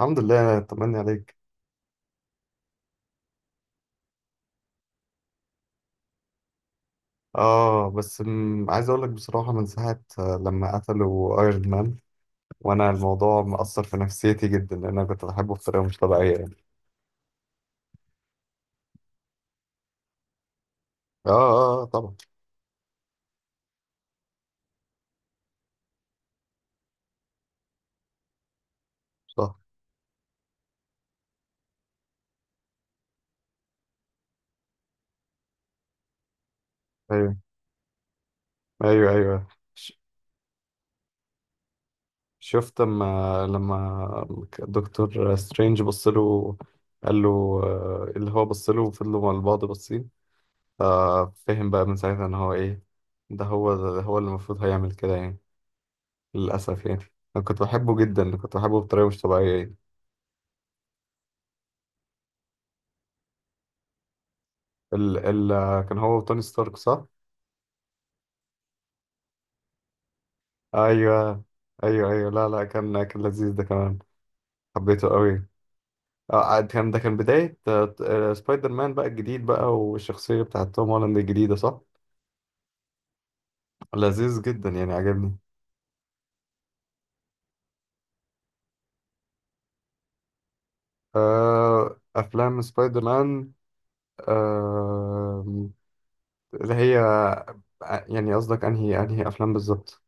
الحمد لله، طمني عليك. اه، بس عايز اقول لك بصراحة، من ساعة لما قتلوا ايرون مان، وانا الموضوع مأثر في نفسيتي جدا، لان انا كنت بحبه بطريقة مش طبيعية يعني. اه اه، طبعا. صح. ايوه ايوه ايوه. ش... شفت، لما دكتور سترينج بص له، قال له اللي هو بص له وفضلوا مع بعض باصين، ففهم بقى من ساعتها ان هو ايه. ده هو اللي المفروض هيعمل كده يعني، للأسف يعني. أنا كنت بحبه جدا، كنت بحبه بطريقة مش طبيعية يعني. ال ال آه، كان هو وتوني ستارك، صح؟ أيوه أيوه أيوه. لا لا، كان لذيذ ده كمان، حبيته قوي. كان ده كان بداية سبايدر مان بقى الجديد بقى، والشخصية بتاعت توم هولاند الجديدة، صح؟ لذيذ جدا يعني، عجبني. أفلام سبايدر مان. آه اللي هي آه، يعني قصدك أنهي أفلام بالظبط؟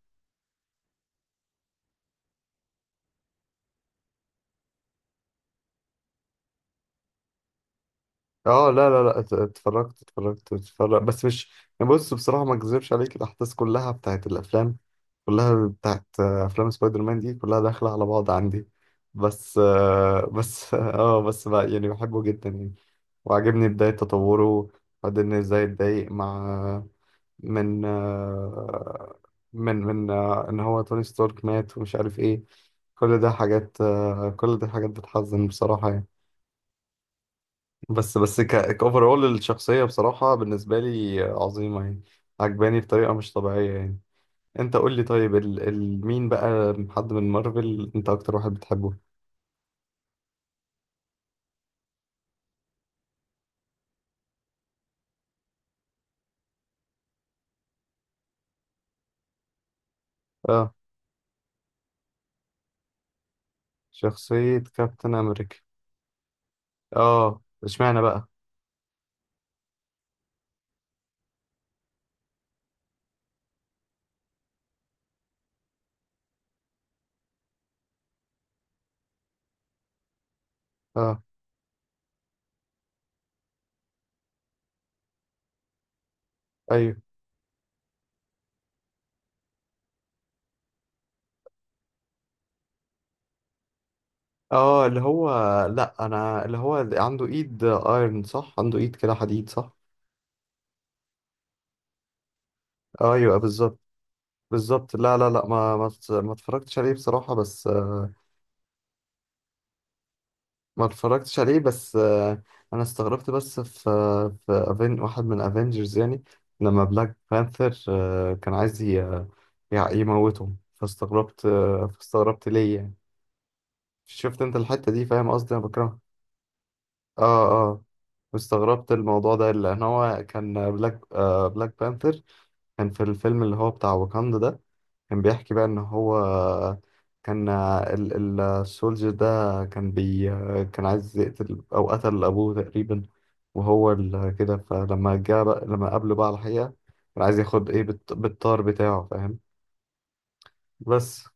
اه لا لا لا، اتفرجت بس مش يعني. بص بصراحة، ما اكذبش عليك، الأحداث كلها بتاعت الأفلام، كلها بتاعت أفلام سبايدر مان دي كلها داخلة على بعض عندي. بس اه، بس بقى يعني، بحبه جدا يعني، وعجبني بداية تطوره. وبعدين ازاي اتضايق مع، من من ان هو توني ستارك مات ومش عارف ايه. كل ده حاجات بتحزن بصراحة يعني. بس كأوفرول الشخصية بصراحة بالنسبة لي عظيمة يعني، عجباني بطريقة مش طبيعية يعني. انت قول لي، طيب مين بقى، حد من مارفل انت اكتر واحد بتحبه؟ اه، شخصية كابتن امريكا. اه اشمعنى بقى؟ اه. ايوه. اه، اللي هو، لا انا اللي هو اللي عنده ايد ايرون، صح؟ عنده ايد كده حديد، صح؟ ايوه بالظبط. بالظبط. لا لا لا، ما اتفرجتش عليه بصراحة، بس ما اتفرجتش عليه، بس انا استغربت بس، في أفين واحد من افنجرز يعني، لما بلاك بانثر كان عايز يموتهم، فاستغربت. فاستغربت ليه يعني. شفت انت الحتة دي؟ فاهم قصدي، انا بكرهها. اه اه، واستغربت الموضوع ده، لان هو كان بلاك بانثر، كان في الفيلم اللي هو بتاع واكاندا ده، كان بيحكي بقى ان هو، السولجر ده كان بي كان عايز يقتل او قتل ابوه تقريبا، كده. فلما جه بقى، لما قابله بقى على الحقيقة، كان عايز ياخد ايه بالطار بتاعه، فاهم؟ بس.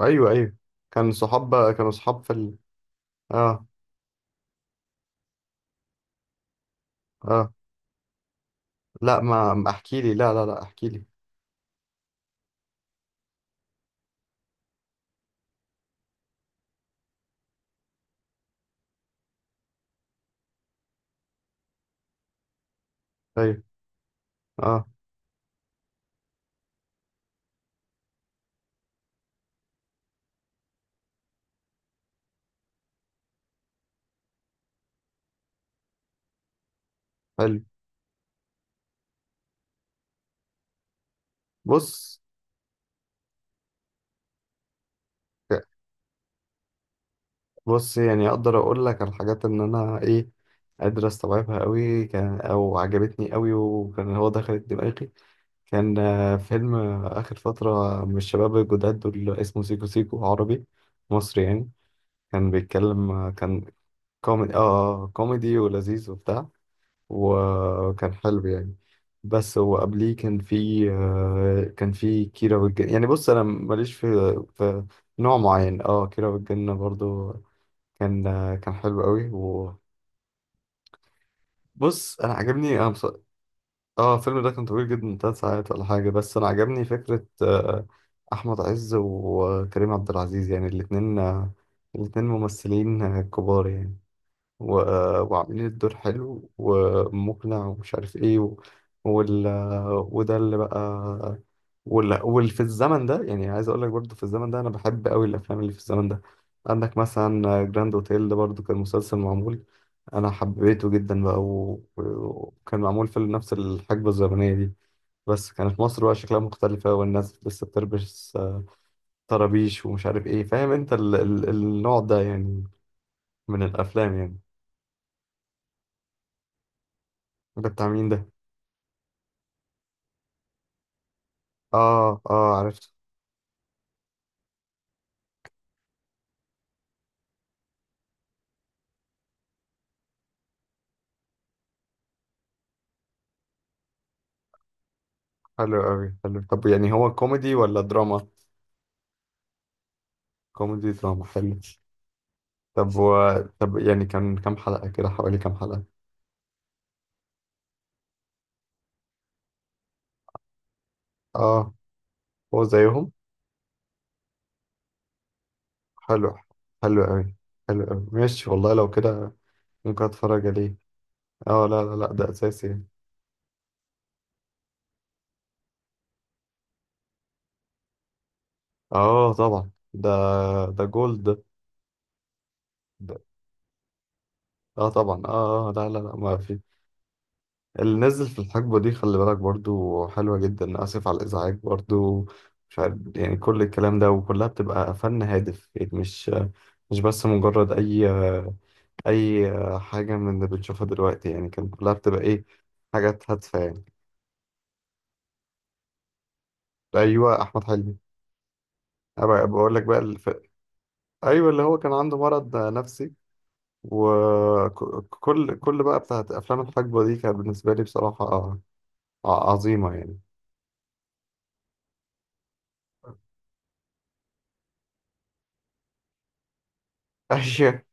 ايوه ايوه، كانوا صحاب اه اه، لا ما ما احكي لي، لا لا لا احكي لي. ايوه. اه. حلو. بص بص، يعني اقدر اقول لك على الحاجات ان انا ايه، قادر استوعبها قوي، كان او عجبتني قوي وكان هو دخلت دماغي. كان فيلم اخر فتره من الشباب الجداد دول، اسمه سيكو سيكو، عربي مصري يعني. كان بيتكلم، كان كوميدي، اه كوميدي ولذيذ وبتاع، وكان حلو يعني. بس هو قبليه كان في، كان في كيرة والجن يعني. بص انا ماليش في في نوع معين. اه، كيرة والجن برضو كان، كان حلو قوي. وبص انا عجبني انا بص... اه الفيلم ده كان طويل جدا، 3 ساعات ولا حاجه، بس انا عجبني فكره احمد عز وكريم عبد العزيز يعني، الاثنين ممثلين كبار يعني، و... وعاملين الدور حلو ومقنع ومش عارف ايه، وال... وده اللي بقى، واللي في الزمن ده يعني. عايز اقول لك برضو، في الزمن ده انا بحب قوي الافلام اللي في الزمن ده. عندك مثلا جراند اوتيل ده برضو، كان مسلسل معمول، انا حبيته جدا بقى، وكان معمول في نفس الحقبة الزمنية دي، بس كانت مصر بقى شكلها مختلفة، والناس لسه بتلبس طرابيش ومش عارف ايه، فاهم انت النوع ده يعني، من الافلام يعني. ده بتاع مين ده؟ اه اه، عرفت. حلو قوي، حلو. طب يعني هو كوميدي ولا دراما؟ كوميدي دراما، حلو. طب طب يعني كان كام حلقة كده، حوالي كام حلقة؟ اه هو زيهم؟ حلو. حلو قوي. حلو قوي ماشي، والله لو كده ممكن اتفرج عليه. اه لا لا لا، ده اساسي يعني. اه طبعا، ده جولد ده. ده- اه طبعا، اه لا لا لا، ما في، اللي نزل في الحقبة دي، خلي بالك برضو حلوة جدا. آسف على الإزعاج برضو، مش عارف يعني، كل الكلام ده وكلها بتبقى فن هادف يعني، مش بس مجرد أي أي حاجة من اللي بنشوفها دلوقتي يعني، كان كلها بتبقى إيه، حاجات هادفة يعني. أيوة، أحمد حلمي. أبقى بقول لك بقى أيوة، اللي هو كان عنده مرض نفسي. وكل بقى بتاعت أفلام الحقبة دي كانت بالنسبة لي بصراحة عظيمة يعني. أيوة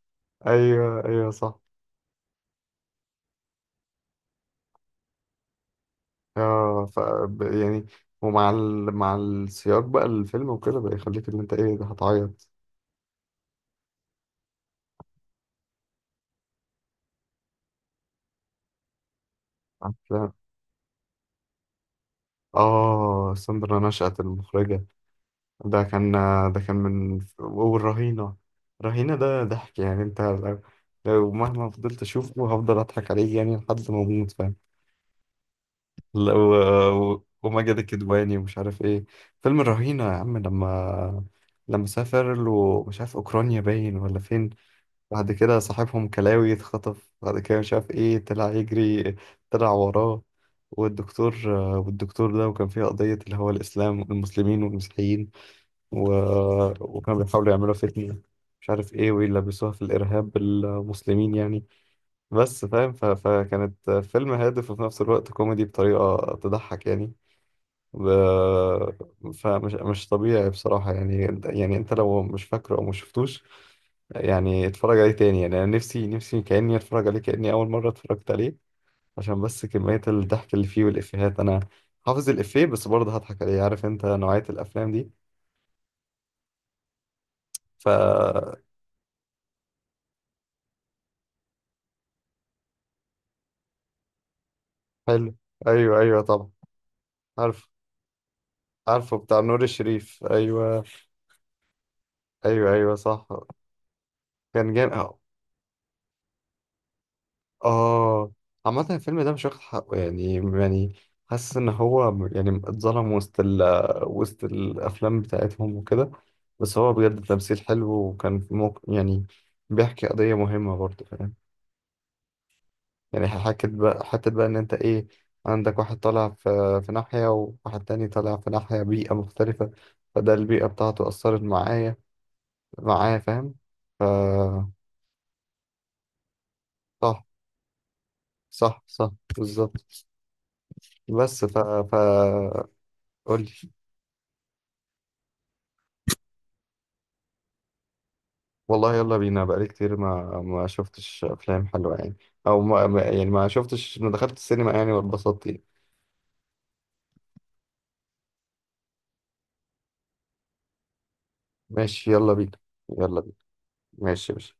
أيوة أيوة صح. اه ف يعني، ومع مع السياق بقى الفيلم وكده، بقى يخليك ان انت ايه، ده هتعيط. عارفة؟ اه، ساندرا نشأت المخرجة. ده كان ده كان من والرهينة. رهينة ده ضحك يعني، انت لو، مهما فضلت اشوفه، هفضل اضحك عليه يعني لحد ما اموت، فاهم؟ لو وماجد الكدواني ومش عارف ايه. فيلم الرهينة يا عم، لما سافر له مش عارف اوكرانيا باين ولا فين، بعد كده صاحبهم كلاوي اتخطف، بعد كده مش عارف ايه طلع يجري، طلع وراه. والدكتور والدكتور ده، وكان فيه قضية اللي هو الإسلام، المسلمين والمسيحيين، و... وكانوا بيحاولوا يعملوا فتنة، مش عارف ايه ويلبسوها في الإرهاب المسلمين يعني. بس فاهم، فكانت فيلم هادف وفي نفس الوقت كوميدي بطريقة تضحك يعني. فمش مش طبيعي بصراحة يعني، انت، يعني انت لو مش فاكره او مش شفتوش يعني، اتفرج عليه تاني يعني. انا نفسي، نفسي كأني اتفرج عليه كأني اول مرة اتفرجت عليه، عشان بس كمية الضحك اللي فيه والافيهات. انا حافظ الافيه بس برضه هضحك عليه، عارف انت نوعية الافلام دي؟ ف، حلو. ايوه ايوه طبعا، عارف. عارفه بتاع نور الشريف، ايوه. ايوه ايوه صح. كان جامد. اه، عامة الفيلم ده مش واخد حقه يعني، يعني حاسس ان هو يعني اتظلم وسط ال، وسط الافلام بتاعتهم وكده. بس هو بجد تمثيل حلو، وكان في يعني بيحكي قضية مهمة برضه، فاهم؟ يعني حكت بقى حتى بقى ان انت ايه، عندك واحد طالع في ناحية وواحد تاني طالع في ناحية بيئة مختلفة، فده البيئة بتاعته أثرت معايا، معايا فاهم. ف، صح. صح صح، بالظبط. بس ف، ف، قولي. والله يلا بينا، بقالي كتير ما شفتش افلام حلوه يعني، او يعني ما شفتش، ما دخلت السينما يعني واتبسطت يعني. ماشي، يلا بينا. يلا بينا. ماشي يا باشا.